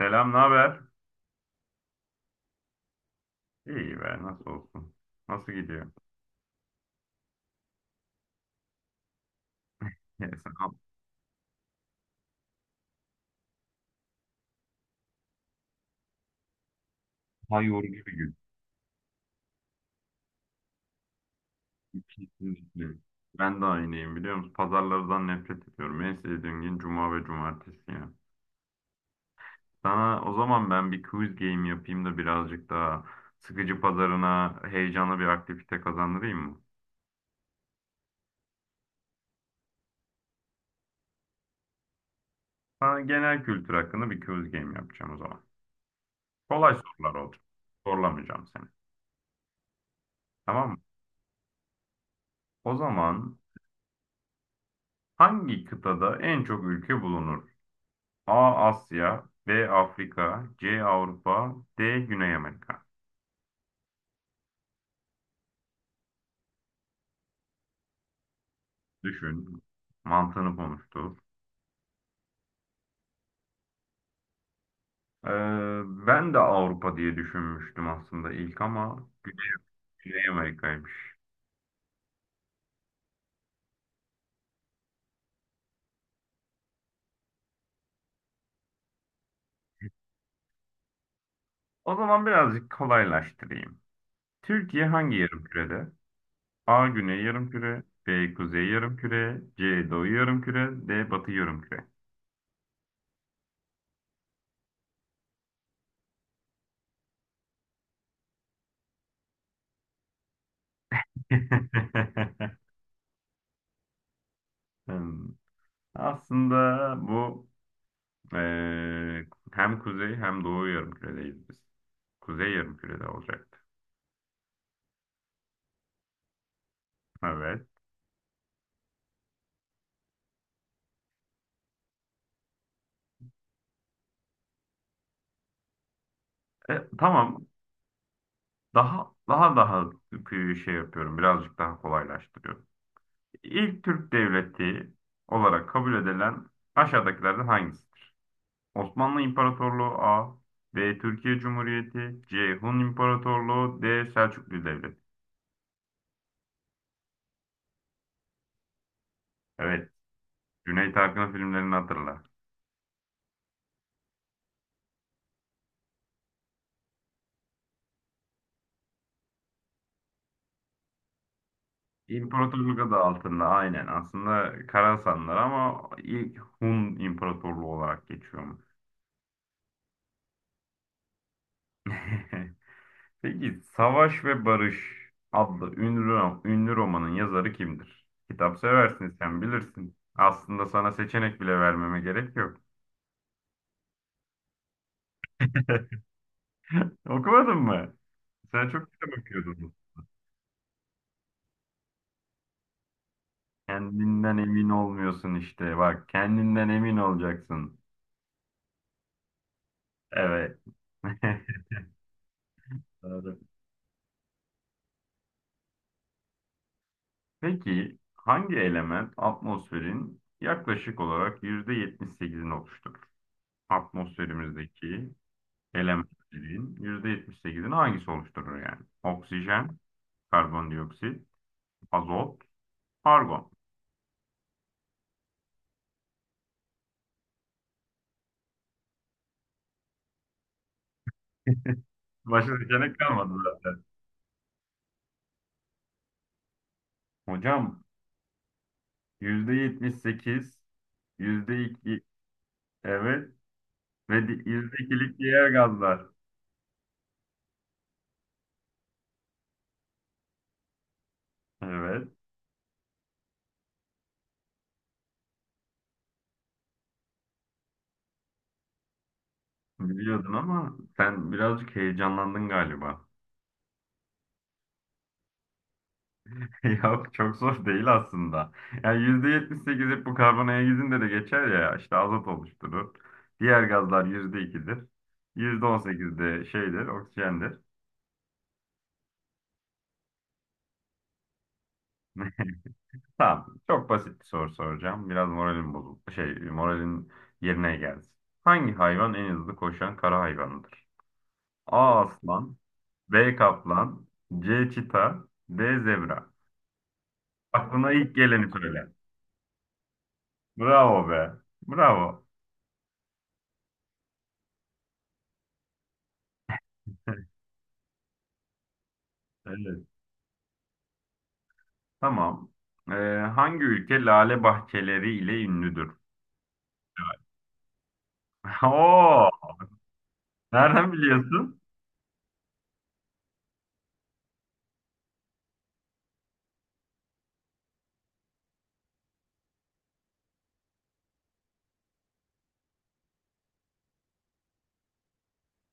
Selam, ne haber? İyi be, nasıl olsun? Nasıl gidiyor? Sen- Daha yorucu bir gün. Kesinlikle. Ben de aynıyım, biliyor musun? Pazarlardan nefret ediyorum. En sevdiğim gün cuma ve cumartesi ya. Sana o zaman ben bir quiz game yapayım da birazcık daha sıkıcı pazarına heyecanlı bir aktivite kazandırayım mı? Sana genel kültür hakkında bir quiz game yapacağım o zaman. Kolay sorular olacak. Zorlamayacağım seni. Tamam mı? O zaman hangi kıtada en çok ülke bulunur? A. Asya, B. Afrika, C. Avrupa, D. Güney Amerika. Düşün. Mantığını konuştur. Ee, ben de Avrupa diye düşünmüştüm aslında ilk ama Güney Amerika'ymış. O zaman birazcık kolaylaştırayım. Türkiye hangi yarımkürede? A. Güney yarımküre, B. Kuzey yarımküre, C. Doğu yarımküre, D. Batı yarımküre. Hmm. Aslında bu Ee, hem kuzey hem doğu yarımküredeyiz biz. Kuzey yarımkürede olacaktı. Evet. Tamam. Daha kıyı şey yapıyorum. Birazcık daha kolaylaştırıyorum. İlk Türk devleti olarak kabul edilen aşağıdakilerden hangisidir? Osmanlı İmparatorluğu A, B Türkiye Cumhuriyeti, C Hun İmparatorluğu, D Selçuklu Devleti. Evet. Cüneyt Arkın'ın filmlerini hatırla. İmparatorluk adı altında, aynen. Aslında Karasanlar ama ilk Hun İmparatorluğu olarak geçiyormuş. Peki Savaş ve Barış adlı ünlü romanın yazarı kimdir? Kitap seversin, sen bilirsin. Aslında sana seçenek bile vermeme gerek yok. Okumadın mı? Sen çok kitap okuyordun. Kendinden emin olmuyorsun işte. Bak, kendinden emin olacaksın. Evet. Doğru. Peki hangi element atmosferin yaklaşık olarak %78'ini oluşturur? Atmosferimizdeki elementlerin %78'ini hangisi oluşturur yani? Oksijen, karbondioksit, azot, argon. Başka seçenek kalmadı zaten. Hocam, %78, %2, evet, ve %2'lik diğer gazlar. Evet, biliyordun ama sen birazcık heyecanlandın galiba. Yok, çok zor değil aslında. Yani %78 hep bu karbon gizinde de geçer ya, işte azot oluşturur. Diğer gazlar yüzde ikidir. %18 de şeydir, oksijendir. Tamam. Çok basit bir soru soracağım. Biraz moralim bozuldu. Moralin yerine gelsin. Hangi hayvan en hızlı koşan kara hayvanıdır? A aslan, B kaplan, C çita, D zebra. Aklına ilk geleni söyle. Bravo be. Bravo. Evet. Tamam. Ee, hangi ülke lale bahçeleri ile ünlüdür? Oo, nereden biliyorsun?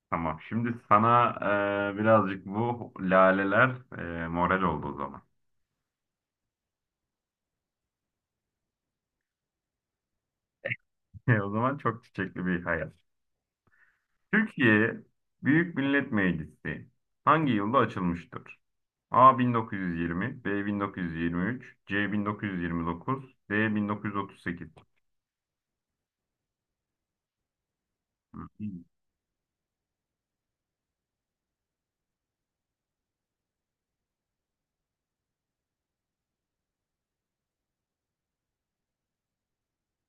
Tamam. Şimdi sana birazcık bu laleler, moral oldu o zaman. O zaman çok çiçekli bir hayat. Türkiye Büyük Millet Meclisi hangi yılda açılmıştır? A 1920, B 1923, C 1929, D 1938. Hı.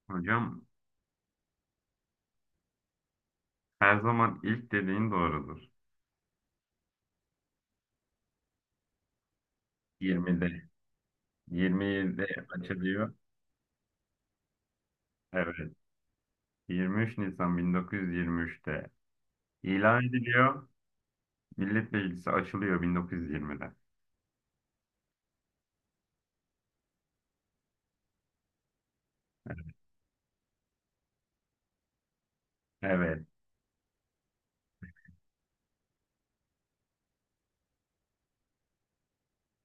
Hocam, her zaman ilk dediğin doğrudur. 20'de. 27 açılıyor. Evet. 23 Nisan 1923'te ilan ediliyor. Millet Meclisi açılıyor 1920'de. Evet.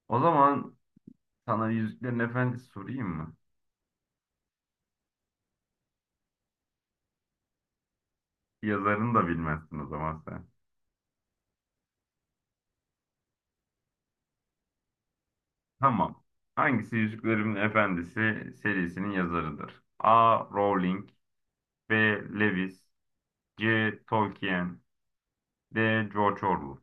O zaman sana Yüzüklerin Efendisi sorayım mı? Yazarını da bilmezsin o zaman sen. Tamam. Hangisi Yüzüklerin Efendisi serisinin yazarıdır? A. Rowling, B. Lewis, C. Tolkien, D. George Orwell.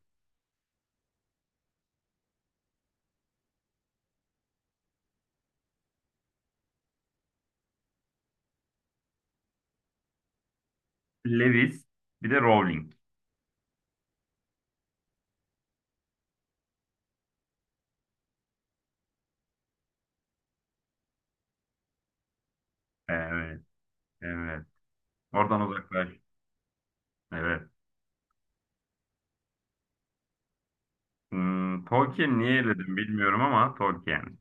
Lewis bir de Rowling. Evet. Evet. Oradan uzaklaş. Evet. Hmm, Tolkien niye eledim bilmiyorum ama Tolkien.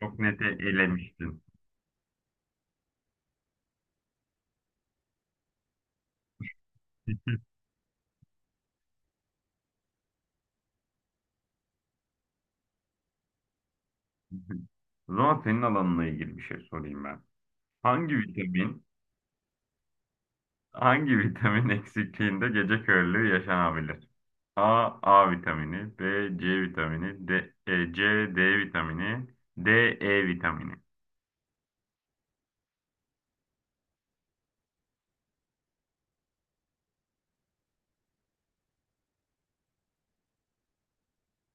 Çok net elemiştin. O zaman senin alanına ilgili bir şey sorayım ben. Hangi vitamin, hangi vitamin eksikliğinde gece körlüğü yaşanabilir? A, A vitamini, B, C vitamini, D, C, D vitamini, D, E vitamini.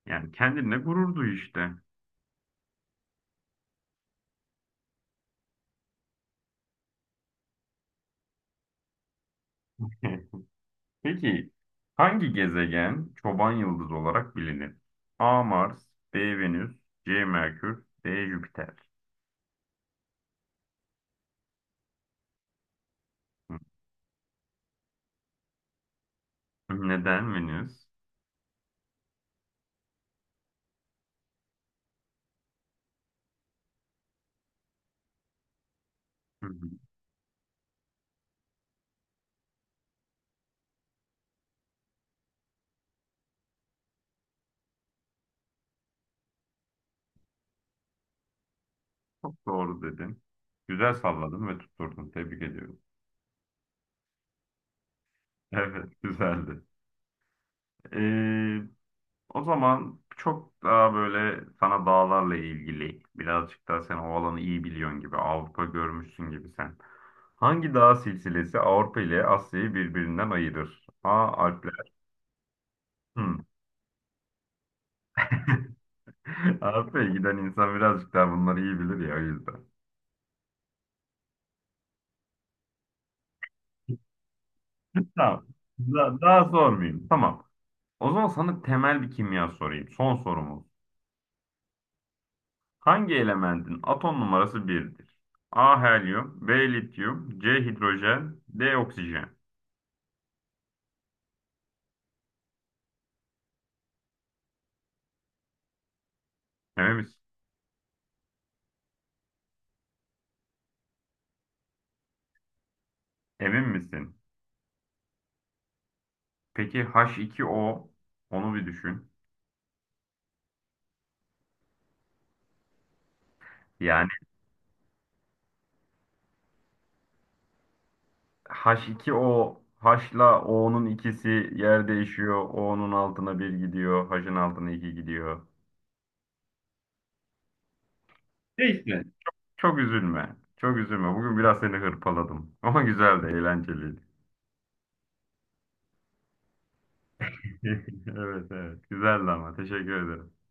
Yani kendinle gurur duy işte. Peki hangi gezegen çoban yıldızı olarak bilinir? A. Mars, B. Venüs, C. Merkür, D. Jüpiter. Hı. Neden Venüs? Hı hı. Çok doğru dedin. Güzel salladın ve tutturdun. Tebrik ediyorum. Evet, güzeldi. Ee, o zaman çok daha böyle sana dağlarla ilgili, birazcık daha sen o alanı iyi biliyorsun gibi, Avrupa görmüşsün gibi sen. Hangi dağ silsilesi Avrupa ile Asya'yı birbirinden ayırır? A. Alpler. Hı. Avrupa'ya giden insan birazcık daha bunları iyi bilir ya, o yüzden. Tamam. Daha sormayayım. Tamam. O zaman sana temel bir kimya sorayım. Son sorumuz. Hangi elementin atom numarası birdir? A helyum, B lityum, C hidrojen, D oksijen. Emin misin? Emin misin? Peki H2O, onu bir düşün. Yani H2O, H'la O'nun ikisi yer değişiyor. O'nun altına bir gidiyor. H'ın altına iki gidiyor. Neyse. Çok üzülme, çok üzülme. Bugün biraz seni hırpaladım. Ama güzeldi, eğlenceliydi. Evet, evet. Güzeldi ama. Teşekkür ederim.